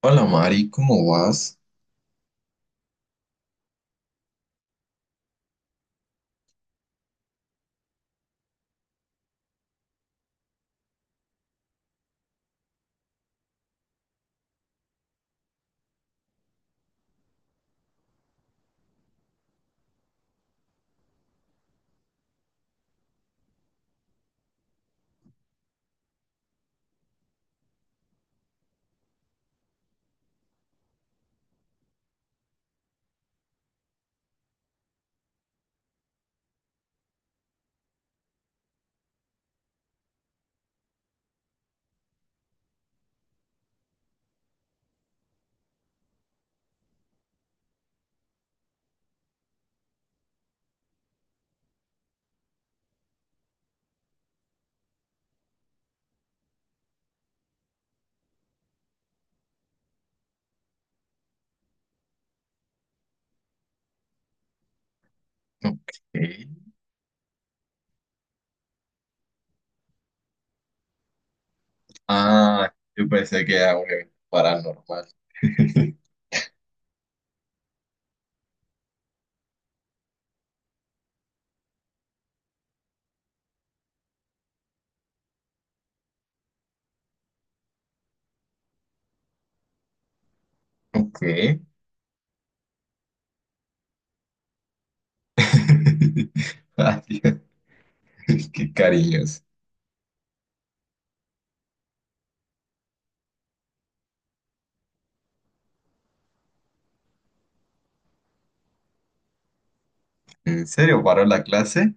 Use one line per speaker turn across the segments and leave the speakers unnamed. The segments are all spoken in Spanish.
Hola Mari, ¿cómo vas? Ok. Ah, yo pensé que era un evento paranormal. Ok. Ay, Dios, qué cariños. ¿En serio paró la clase?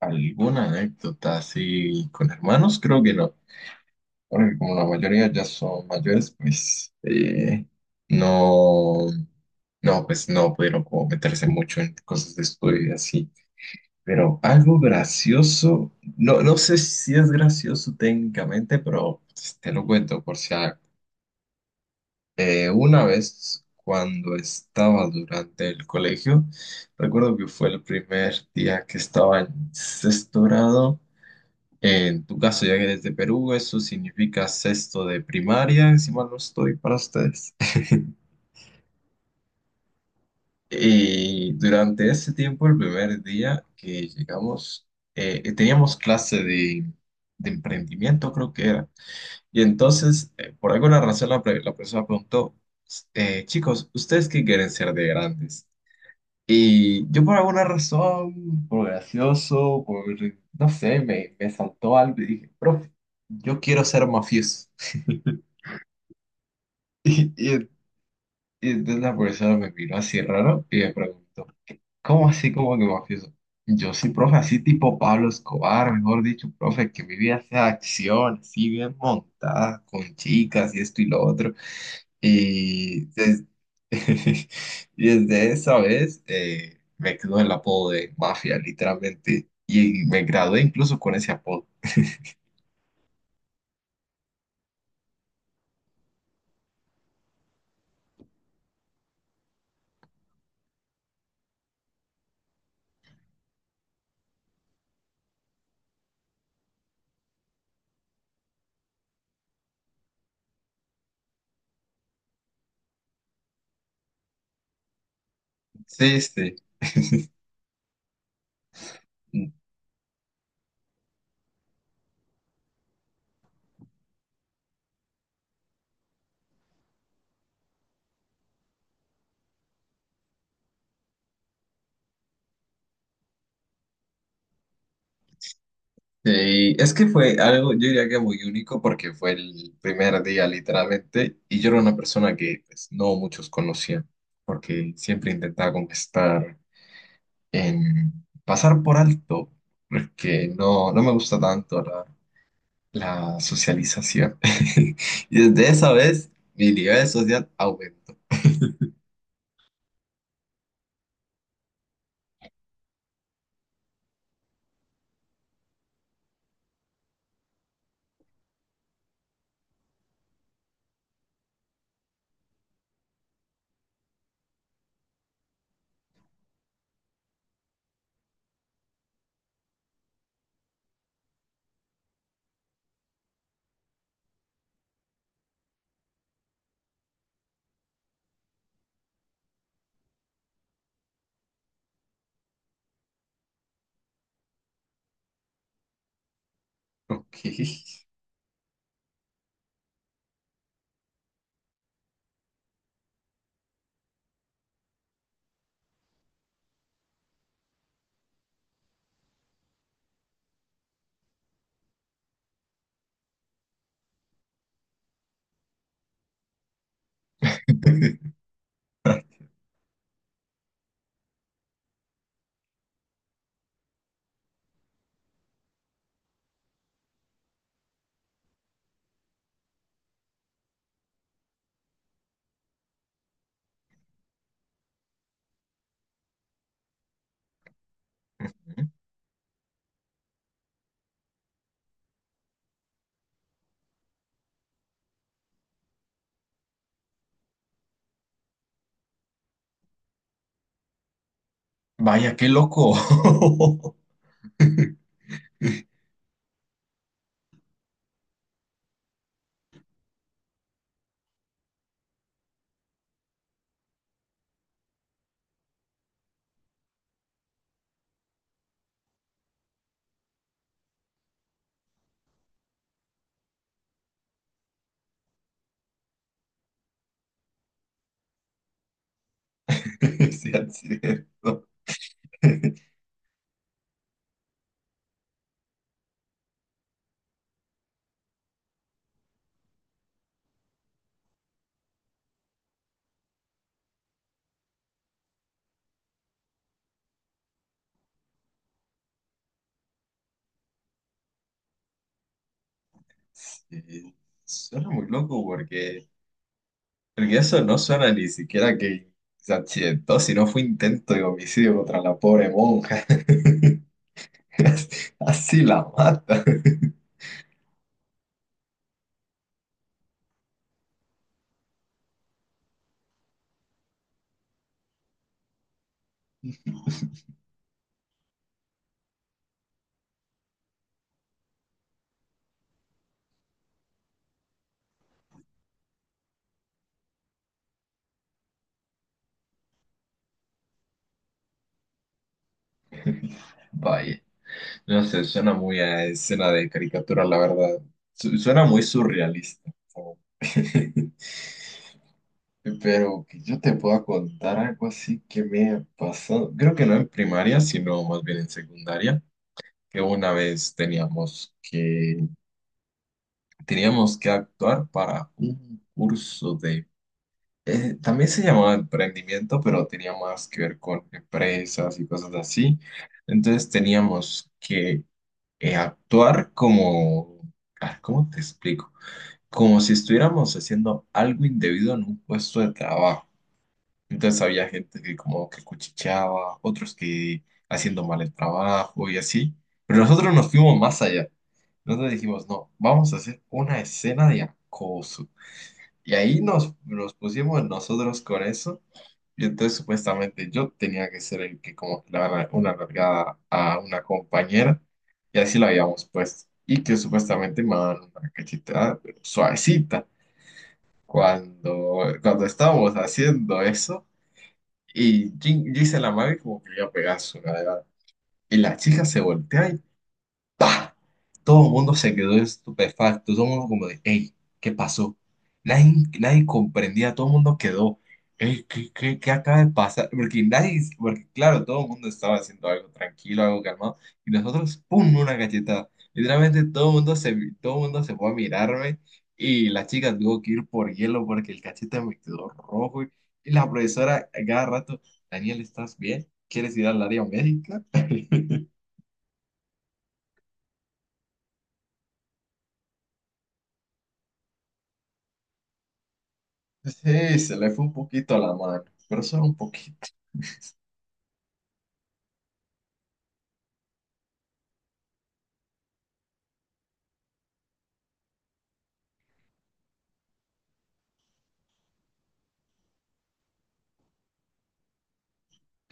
¿Alguna anécdota así con hermanos? Creo que no. Porque como la mayoría ya son mayores, pues no, no, pues no pudieron como meterse mucho en cosas de estudio y así. Pero algo gracioso, no, no sé si es gracioso técnicamente, pero te lo cuento por si a- una vez cuando estaba durante el colegio, recuerdo que fue el primer día que estaba en sexto grado. En tu caso, ya que eres de Perú, eso significa sexto de primaria, si mal no estoy para ustedes. Y durante ese tiempo, el primer día que llegamos, teníamos de emprendimiento, creo que era. Y entonces, por alguna razón, la profesora preguntó, chicos, ¿ustedes qué quieren ser de grandes? Y yo por alguna razón, por gracioso, por, no sé, me saltó algo y dije, profe, yo quiero ser mafioso. Y, y, y entonces la profesora me miró así raro y me preguntó. ¿Cómo así como que mafioso? Yo sí, profe, así tipo Pablo Escobar, mejor dicho, profe, que mi vida sea acción, así bien montada, con chicas y esto y lo otro. Y des- y desde esa vez me quedó el apodo de mafia, literalmente. Y me gradué incluso con ese apodo. Sí, sí. Sí, es que fue algo, yo diría que muy único porque fue el primer día literalmente y yo era una persona que pues, no muchos conocían porque siempre intentaba conquistar en pasar por alto porque no, no me gusta tanto la socialización y desde esa vez mi nivel social aumentó. Ok. Vaya, qué loco. Sí, así es. Cierto. Sí, suena muy loco porque, porque eso no suena ni siquiera que se accidentó, sino fue intento de homicidio contra la pobre monja. Así la mata. Vaya, no sé, suena muy a escena de caricatura, la verdad. Suena muy surrealista. Como pero que yo te pueda contar algo así que me ha pasado. Creo que no en primaria, sino más bien en secundaria, que una vez teníamos que actuar para un curso de… también se llamaba emprendimiento, pero tenía más que ver con empresas y cosas así. Entonces teníamos que actuar como… ah, ¿cómo te explico? Como si estuviéramos haciendo algo indebido en un puesto de trabajo. Entonces había gente que como que cuchicheaba, otros que haciendo mal el trabajo y así. Pero nosotros nos fuimos más allá. Nosotros dijimos, no, vamos a hacer una escena de acoso. Y ahí nos pusimos nosotros con eso. Y entonces supuestamente yo tenía que ser el que como que le daba una largada a una compañera. Y así lo habíamos puesto. Y que supuestamente me daban una cachetada pero suavecita. Cuando estábamos haciendo eso. Y dice la madre como que le iba a pegar su nalgada. Y la chica se voltea y ¡pah! Todo el mundo se quedó estupefacto, todo el mundo como de, hey, ¿qué pasó? Nadie, nadie comprendía, todo el mundo quedó, hey, qué acaba de pasar? Porque nadie, porque claro, todo el mundo estaba haciendo algo tranquilo, algo calmado, y nosotros, ¡pum!, una galletada. Literalmente todo el mundo se fue a mirarme y la chica tuvo que ir por hielo porque el cachete me quedó rojo y la profesora a cada rato, Daniel, ¿estás bien? ¿Quieres ir al área médica? Sí, se le fue un poquito la mano, pero solo un poquito.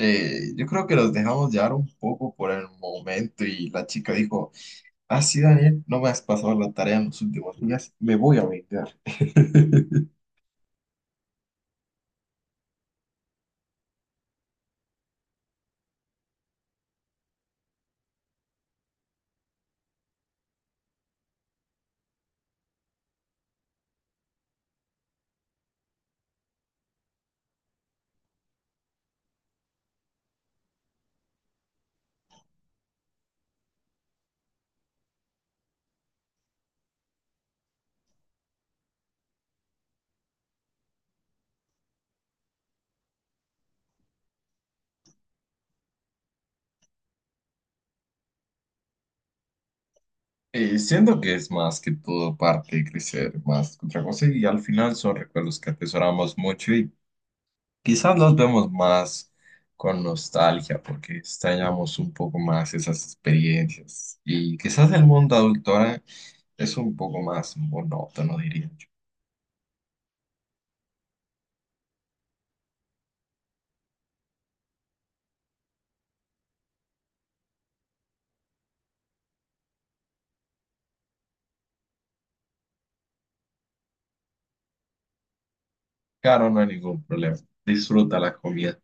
Yo creo que los dejamos llevar un poco por el momento y la chica dijo, ah, sí, Daniel, no me has pasado la tarea en los últimos días, me voy a vengar. Siento que es más que todo parte de crecer, más que otra cosa, y al final son recuerdos que atesoramos mucho y quizás los vemos más con nostalgia porque extrañamos un poco más esas experiencias y quizás el mundo adulto ahora es un poco más monótono, diría yo. Claro, no hay ningún problema. Disfruta la comida.